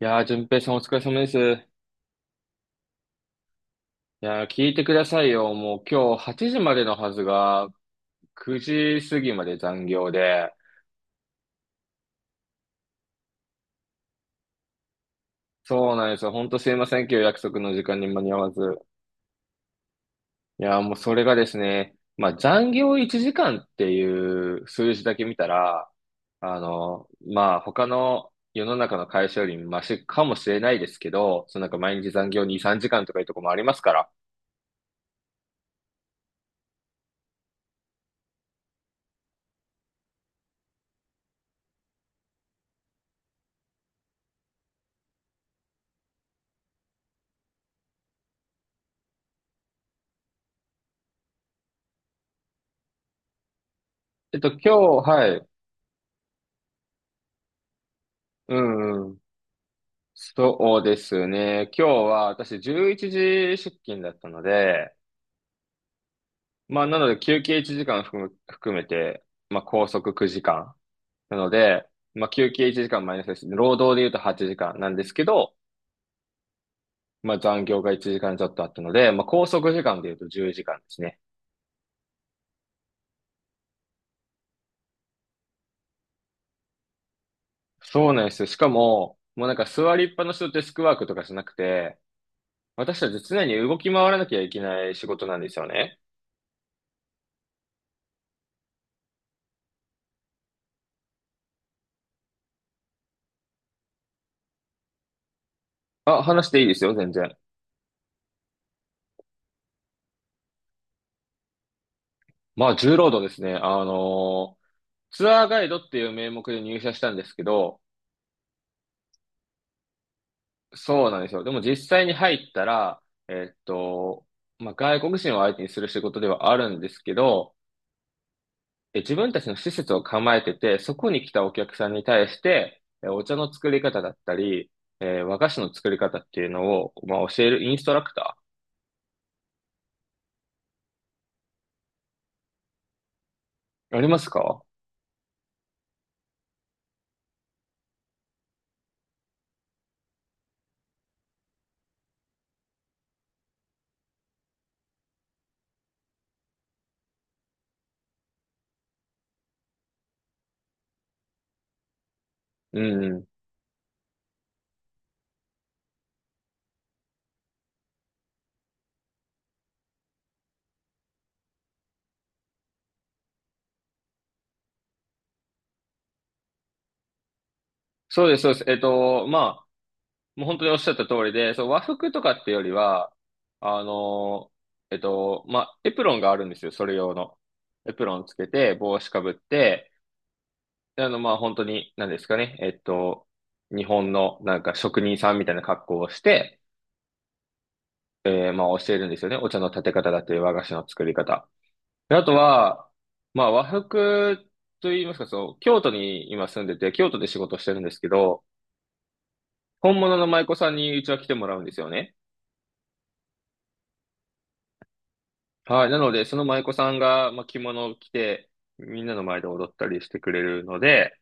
いやー、淳平さんお疲れ様です。いやー、聞いてくださいよ。もう今日8時までのはずが、9時過ぎまで残業で。そうなんですよ。ほんとすいません。今日約束の時間に間に合わず。いやー、もうそれがですね、まあ残業1時間っていう数字だけ見たら、まあ他の世の中の会社よりマシかもしれないですけど、そのなんか毎日残業2、3時間とかいうとこもありますから。今日、はい。うんそうですね。今日は私11時出勤だったので、まあなので休憩1時間含めて、まあ拘束9時間。なので、まあ休憩1時間マイナスですね。労働で言うと8時間なんですけど、まあ残業が1時間ちょっとあったので、まあ拘束時間で言うと10時間ですね。そうなんですよ。しかも、もうなんか座りっぱなしのデスクワークとかじゃなくて、私たち常に動き回らなきゃいけない仕事なんですよね。あ、話していいですよ、全然。まあ、重労働ですね。ツアーガイドっていう名目で入社したんですけど、そうなんですよ。でも実際に入ったら、えっと、まあ、外国人を相手にする仕事ではあるんですけど、え自分たちの施設を構えてて、そこに来たお客さんに対して、えお茶の作り方だったり、えー和菓子の作り方っていうのを、まあ、教えるインストラクター。ありますかうん。そうです、そうです。まあ、もう本当におっしゃった通りで、そう、和服とかってよりは、あのまあ、エプロンがあるんですよ、それ用の。エプロンつけて、帽子かぶって、であの、まあ、本当に、何ですかね、日本のなんか職人さんみたいな格好をして、えーまあ、教えるんですよね。お茶の立て方だっいう和菓子の作り方。であとは、まあ、和服と言いますか、そう、京都に今住んでて、京都で仕事してるんですけど、本物の舞妓さんにうちは来てもらうんですよね。はい。なので、その舞妓さんが、まあ、着物を着て、みんなの前で踊ったりしてくれるので、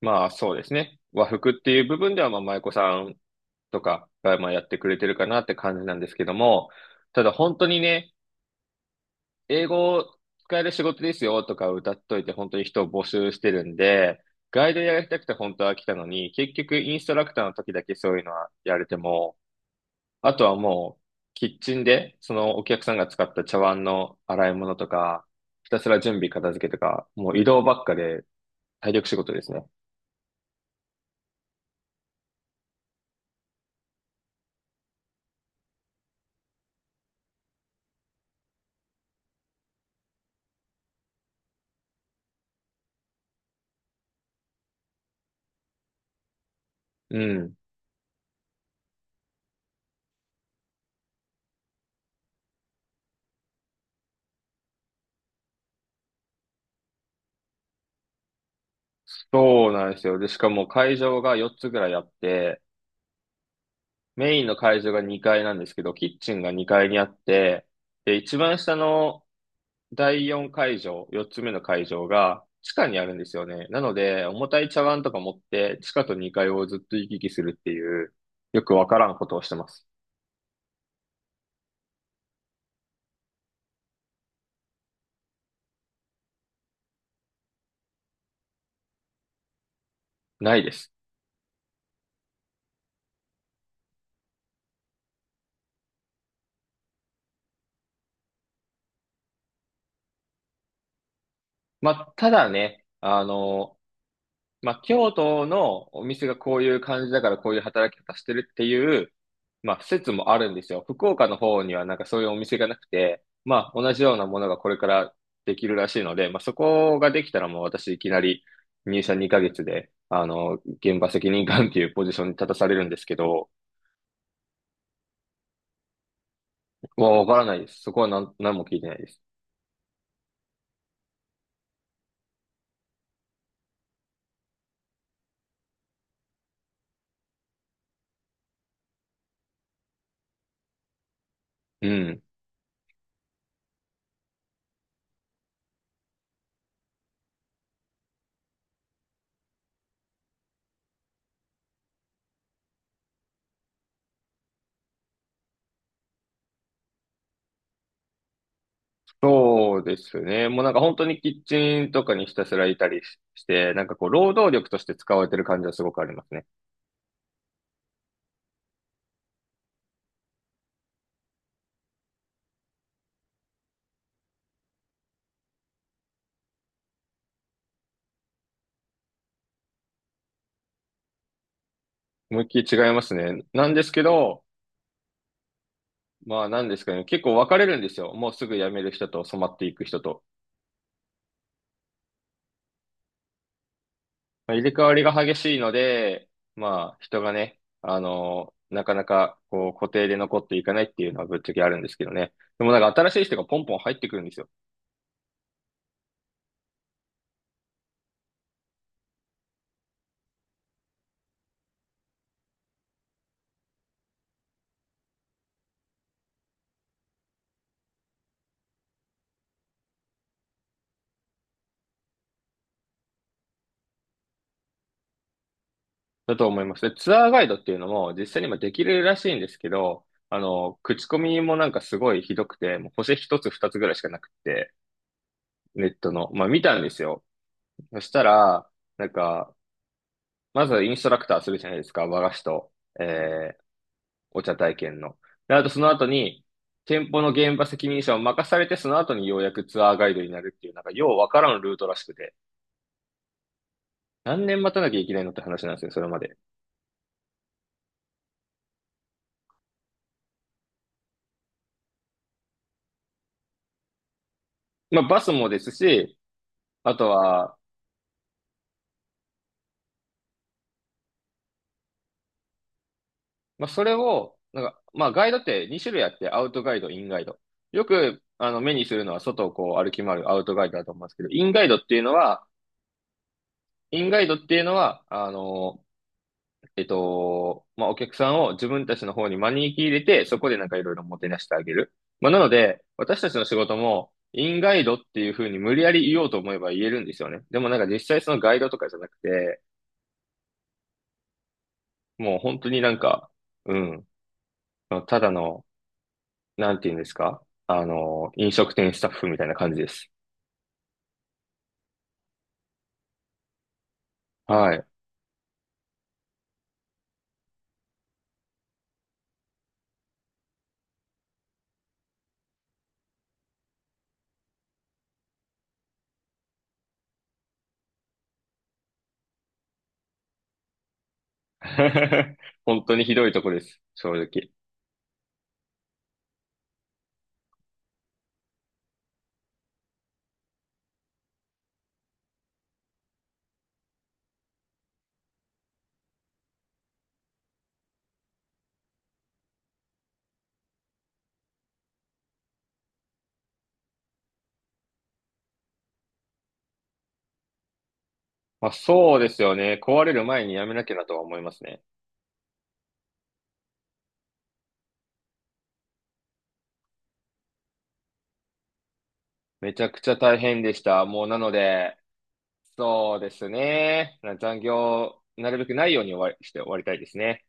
まあそうですね。和服っていう部分では、まあ舞妓さんとかが、まあ、やってくれてるかなって感じなんですけども、ただ本当にね、英語を使える仕事ですよとか歌っといて、本当に人を募集してるんで、ガイドやりたくて本当は来たのに、結局インストラクターの時だけそういうのはやれても、あとはもう、キッチンで、そのお客さんが使った茶碗の洗い物とか、ひたすら準備片付けとか、もう移動ばっかで体力仕事ですね。うん。そうなんですよ。で、しかも会場が4つぐらいあって、メインの会場が2階なんですけど、キッチンが2階にあって、で、一番下の第4会場、4つ目の会場が地下にあるんですよね。なので、重たい茶碗とか持って、地下と2階をずっと行き来するっていう、よくわからんことをしてます。ないです。まあ、ただね、まあ、京都のお店がこういう感じだからこういう働き方してるっていう、まあ、説もあるんですよ。福岡の方にはなんかそういうお店がなくて、まあ、同じようなものがこれからできるらしいので、まあ、そこができたらもう私いきなり入社2ヶ月で、現場責任官っていうポジションに立たされるんですけど、もうわからないです。そこは何、何も聞いてないです。うん。そうですね。もうなんか本当にキッチンとかにひたすらいたりしして、なんかこう労働力として使われてる感じはすごくありますね。思いっきり違いますね。なんですけど、まあなんですかね。結構分かれるんですよ。もうすぐ辞める人と染まっていく人と。まあ、入れ替わりが激しいので、まあ人がね、なかなかこう固定で残っていかないっていうのはぶっちゃけあるんですけどね。でもなんか新しい人がポンポン入ってくるんですよ。だと思います。で、ツアーガイドっていうのも実際に今できるらしいんですけど、口コミもなんかすごいひどくて、もう星一つ二つぐらいしかなくて、ネットの。まあ見たんですよ。そしたら、なんか、まずインストラクターするじゃないですか。和菓子と、えー、お茶体験の。で、あとその後に、店舗の現場責任者を任されて、その後にようやくツアーガイドになるっていう、なんかようわからんルートらしくて、何年待たなきゃいけないのって話なんですよ、それまで。まあバスもですし、あとは、まあ、それを、なんか、まあ、ガイドって2種類あって、アウトガイド、インガイド。よく、目にするのは、外をこう歩き回るアウトガイドだと思うんですけど、インガイドっていうのは、インガイドっていうのは、あの、えっと、まあ、お客さんを自分たちの方に招き入れて、そこでなんかいろいろもてなしてあげる。まあ、なので、私たちの仕事も、インガイドっていうふうに無理やり言おうと思えば言えるんですよね。でもなんか実際そのガイドとかじゃなくて、もう本当になんか、うん、ただのなんて言うんですか飲食店スタッフみたいな感じです。はい。本当にひどいとこです。正直。まあそうですよね。壊れる前にやめなきゃなとは思いますね。めちゃくちゃ大変でした。もうなので、そうですね。な残業、なるべくないように終わりして終わりたいですね。